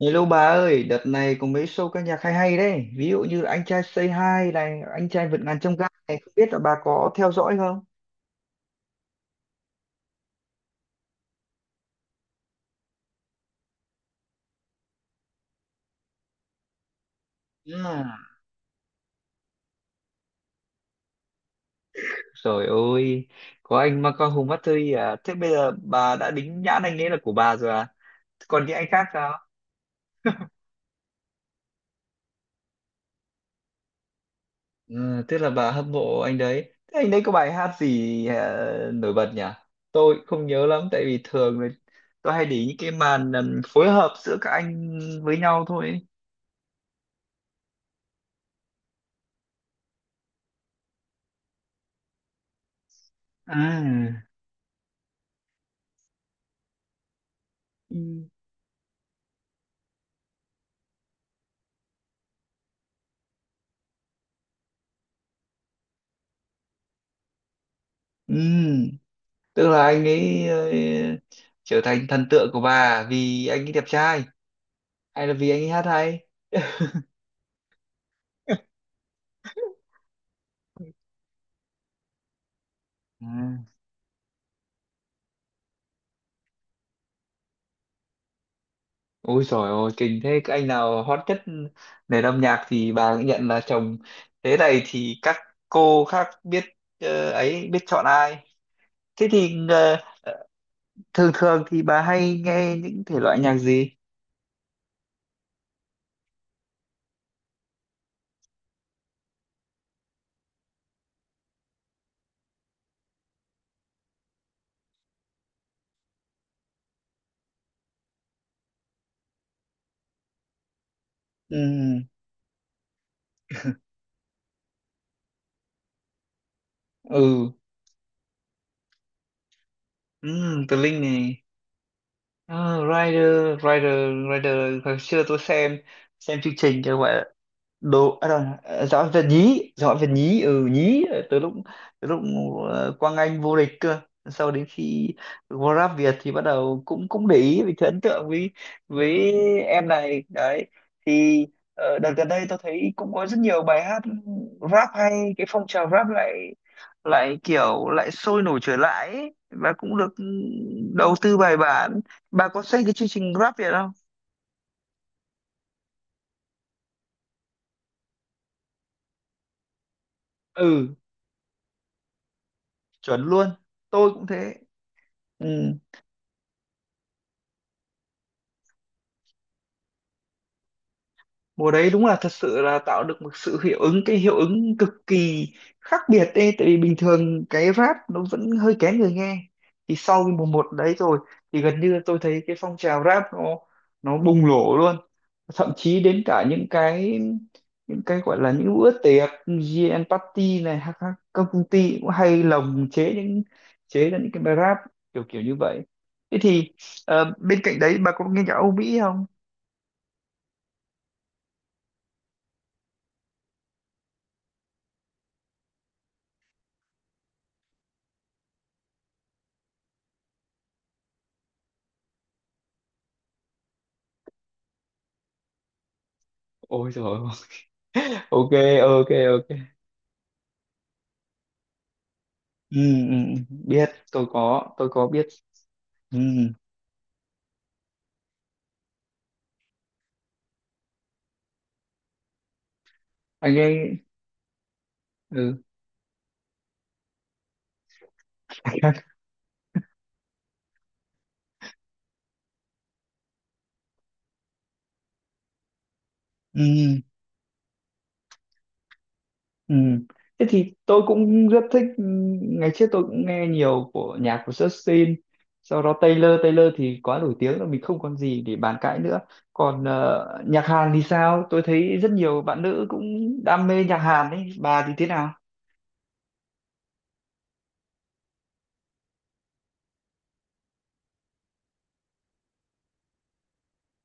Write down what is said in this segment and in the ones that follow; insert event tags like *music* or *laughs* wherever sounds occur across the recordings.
Hello bà ơi, đợt này có mấy show ca nhạc hay hay đấy. Ví dụ như là Anh trai Say Hi này, Anh trai vượt ngàn chông gai này, không biết là bà có theo dõi không? À, trời ơi, có anh Michael Hùng mắt thôi à. Thế bây giờ bà đã đính nhãn anh ấy là của bà rồi à? Thế còn những anh khác sao? Ừ, tức là bà hâm mộ anh đấy. Thế anh đấy có bài hát gì nổi bật nhỉ? Tôi cũng không nhớ lắm, tại vì thường là tôi hay để ý những cái màn phối hợp giữa các anh với nhau thôi. À. Ừ. Ừ, tức là anh ấy trở thành thần tượng của bà vì anh ấy đẹp trai hay là vì anh ấy hát hay. *laughs* Ừ. Ôi trời ơi kinh thế. Cái anh nào hot nhất nền âm nhạc thì bà cũng nhận là chồng, thế này thì các cô khác biết ấy biết chọn ai. Thế thì thường thường thì bà hay nghe những thể loại nhạc gì? Ừ, ừ, ừ. Tờ Linh này. Ờ, Rider, Rider. Rider hồi xưa tôi xem chương trình cho gọi đồ giỏi về nhí, giỏi về nhí, ừ nhí, từ lúc, từ lúc Quang Anh vô địch cơ. Sau đến khi Grab Việt thì bắt đầu cũng cũng để ý vì thấy ấn tượng với em này đấy. Thì đợt gần đây tôi thấy cũng có rất nhiều bài hát rap hay, cái phong trào rap lại, lại kiểu lại sôi nổi trở lại ấy, và cũng được đầu tư bài bản. Bà có xem cái chương trình Grab Việt không? Ừ, chuẩn luôn, tôi cũng thế. Ừ, mùa đấy đúng là thật sự là tạo được một sự hiệu ứng, cái hiệu ứng cực kỳ khác biệt ấy, tại vì bình thường cái rap nó vẫn hơi kén người nghe. Thì sau cái mùa một đấy rồi thì gần như tôi thấy cái phong trào rap nó bùng nổ luôn. Thậm chí đến cả những cái, những cái gọi là những bữa tiệc GN Party này hoặc các công ty cũng hay lồng chế những, chế ra những cái bài rap kiểu kiểu như vậy. Thế thì bên cạnh đấy bà có nghe nhạc Âu Mỹ không? Ôi trời. Ok, ok, ok. Ừ, ừ, ừ. Biết, tôi có, tôi có biết. Ừ, anh ấy. Ừ. *laughs* Ừ, ừ. Thế thì tôi cũng rất thích. Ừ, ngày trước tôi cũng nghe nhiều của nhạc của Justin. Sau đó Taylor, Taylor thì quá nổi tiếng rồi mình không còn gì để bàn cãi nữa. Còn nhạc Hàn thì sao? Tôi thấy rất nhiều bạn nữ cũng đam mê nhạc Hàn đấy, bà thì thế nào?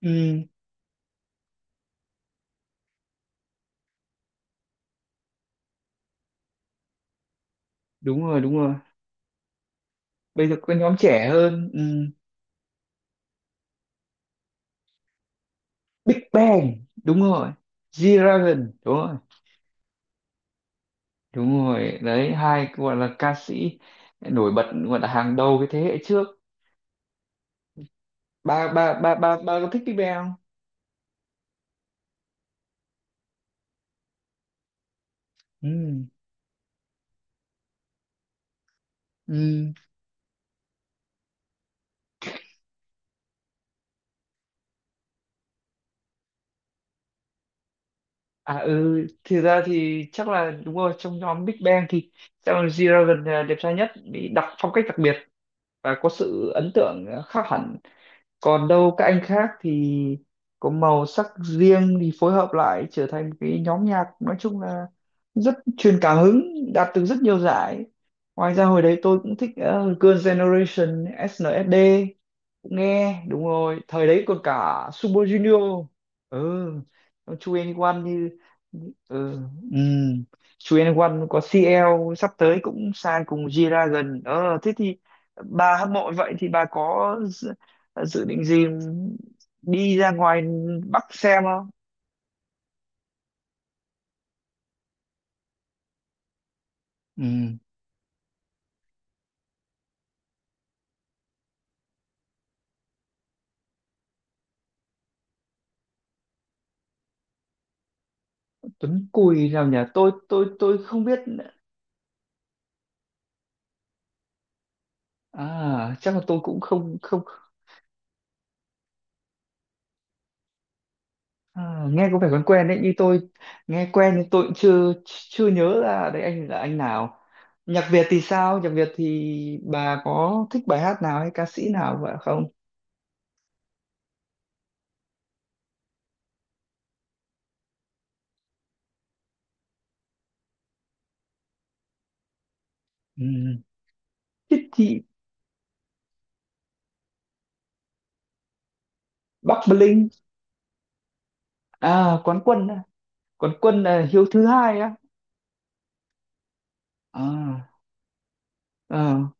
Ừ, đúng rồi, đúng rồi. Bây giờ có nhóm trẻ hơn. Ừ. Big Bang đúng rồi. G-Dragon, đúng rồi. Đúng rồi đấy, hai cái gọi là ca sĩ nổi bật, gọi là hàng đầu cái thế hệ trước. Ba ba ba ba ba, có thích Big Bang không? Ừ, ừ. À ừ, thực ra thì chắc là đúng rồi, trong nhóm Big Bang thì chắc là G-Dragon là đẹp trai nhất vì đặc phong cách đặc biệt và có sự ấn tượng khác hẳn. Còn đâu các anh khác thì có màu sắc riêng, thì phối hợp lại trở thành một cái nhóm nhạc, nói chung là rất truyền cảm hứng, đạt được rất nhiều giải. Ngoài ra hồi đấy tôi cũng thích Girls' Generation SNSD, cũng nghe. Đúng rồi, thời đấy còn cả Super Junior. Ừ, Chu En Wan như. Ừ, ừ. Chu En Wan có CL sắp tới cũng sang cùng G-Dragon. Ờ thế thì bà hâm mộ vậy thì bà có dự, dự định gì đi ra ngoài Bắc xem không? Ừ. Tuấn Cùi nào nhỉ, tôi không biết. À chắc là tôi cũng không không. Ờ, nghe có vẻ quen quen đấy, như tôi nghe quen nhưng tôi cũng chưa chưa nhớ là đấy anh là anh nào. Nhạc Việt thì sao, nhạc Việt thì bà có thích bài hát nào hay ca sĩ nào vậy không? Ừ. Thích chị. Bắc Bling à, quán quân à. Quán quân là Hiếu thứ hai á. À, à,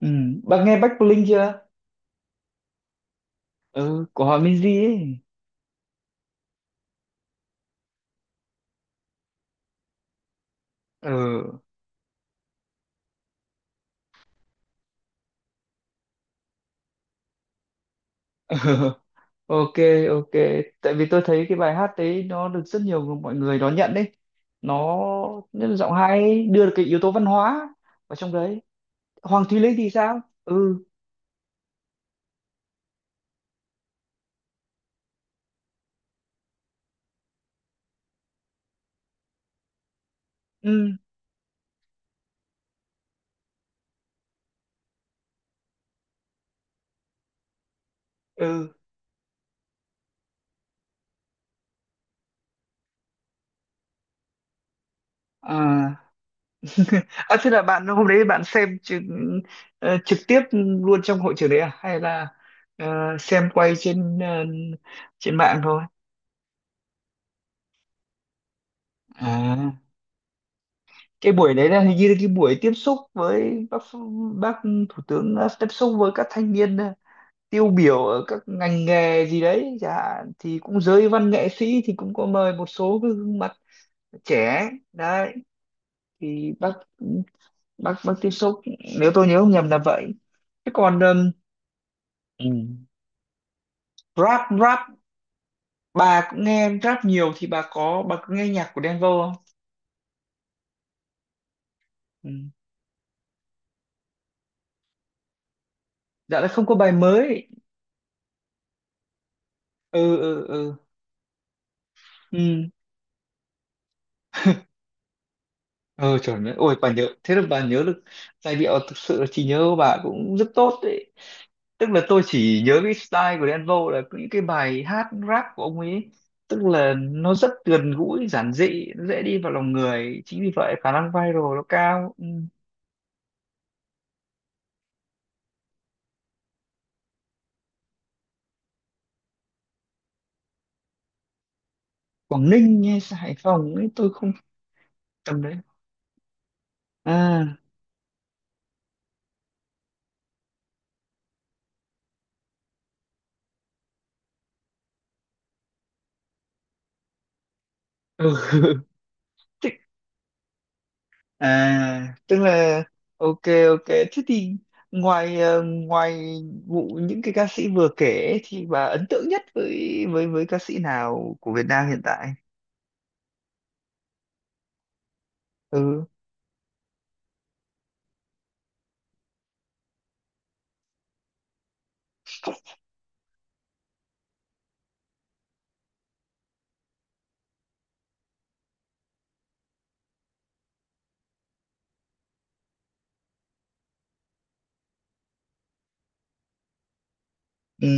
ừ. Bà nghe Bắc Bling chưa? Ừ, của họ Minzy ấy. Ừ. *laughs* Ok, ok. Tại vì tôi thấy cái bài hát đấy nó được rất nhiều mọi người đón nhận đấy. Nó, nhất là giọng hay ấy, đưa được cái yếu tố văn hóa vào trong đấy. Hoàng Thùy Linh thì sao? Ừ, ừ, ừ. À. *laughs* À thế là bạn hôm đấy bạn xem trực tiếp luôn trong hội trường đấy à? Hay là ờ, xem quay trên trên mạng thôi? À, cái buổi đấy là hình như là cái buổi tiếp xúc với bác thủ tướng, tiếp xúc với các thanh niên tiêu biểu ở các ngành nghề gì đấy chẳng hạn, thì cũng giới văn nghệ sĩ thì cũng có mời một số cái gương mặt trẻ đấy. Thì bác tiếp xúc, nếu tôi nhớ không nhầm là vậy. Thế còn ừm, rap, rap, bà cũng nghe rap nhiều thì bà có nghe nhạc của Đen Vâu không? Ừ. Dạ là không có bài mới. Ừ, ừ, ừ, ừ, ừ, trời ơi ôi bà nhớ thế là bà nhớ được giai điệu, thực sự là trí nhớ của bà cũng rất tốt đấy. Tức là tôi chỉ nhớ cái style của Đen Vâu là những cái bài hát rap của ông ấy, tức là nó rất gần gũi giản dị, nó dễ đi vào lòng người, chính vì vậy khả năng viral nó cao. Ừ. Quảng Ninh hay Hải Phòng ấy, tôi không. Tầm đấy. À ừ. *laughs* Thích. À tức là, ok, ok thế thì ngoài ngoài vụ những cái ca sĩ vừa kể ấy, thì bà ấn tượng nhất với với ca sĩ nào của Việt Nam hiện tại? Ừ, ừ,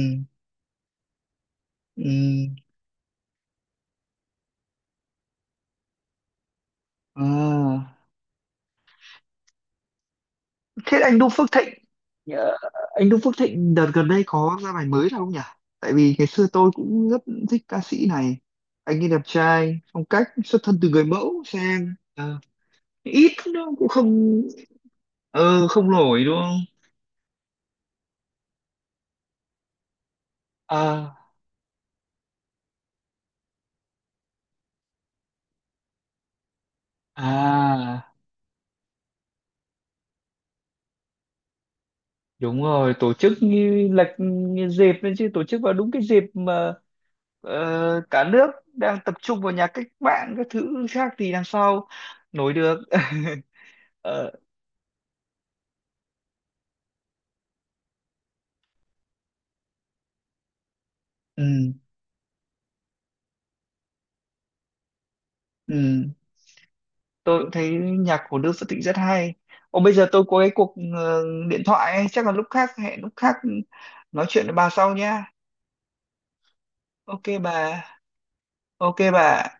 ừ. À. Thế anh Đu Phước Thịnh, ờ, anh Đu Phước Thịnh đợt gần đây có ra bài mới nào không nhỉ? Tại vì ngày xưa tôi cũng rất thích ca sĩ này. Anh ấy đẹp trai, phong cách xuất thân từ người mẫu sang, ít nó cũng không, ờ không nổi đúng không? À à, đúng rồi, tổ chức như lệch như dịp nên, chứ tổ chức vào đúng cái dịp mà cả nước đang tập trung vào nhà cách mạng các thứ khác thì làm sao nổi được. *laughs* Ờ, ừ, ừ, tôi cũng thấy nhạc của Đức Phật Thịnh rất hay. Ồ bây giờ tôi có cái cuộc điện thoại ấy, chắc là lúc khác, hẹn lúc khác nói chuyện với bà sau nha. Ok bà, ok bà.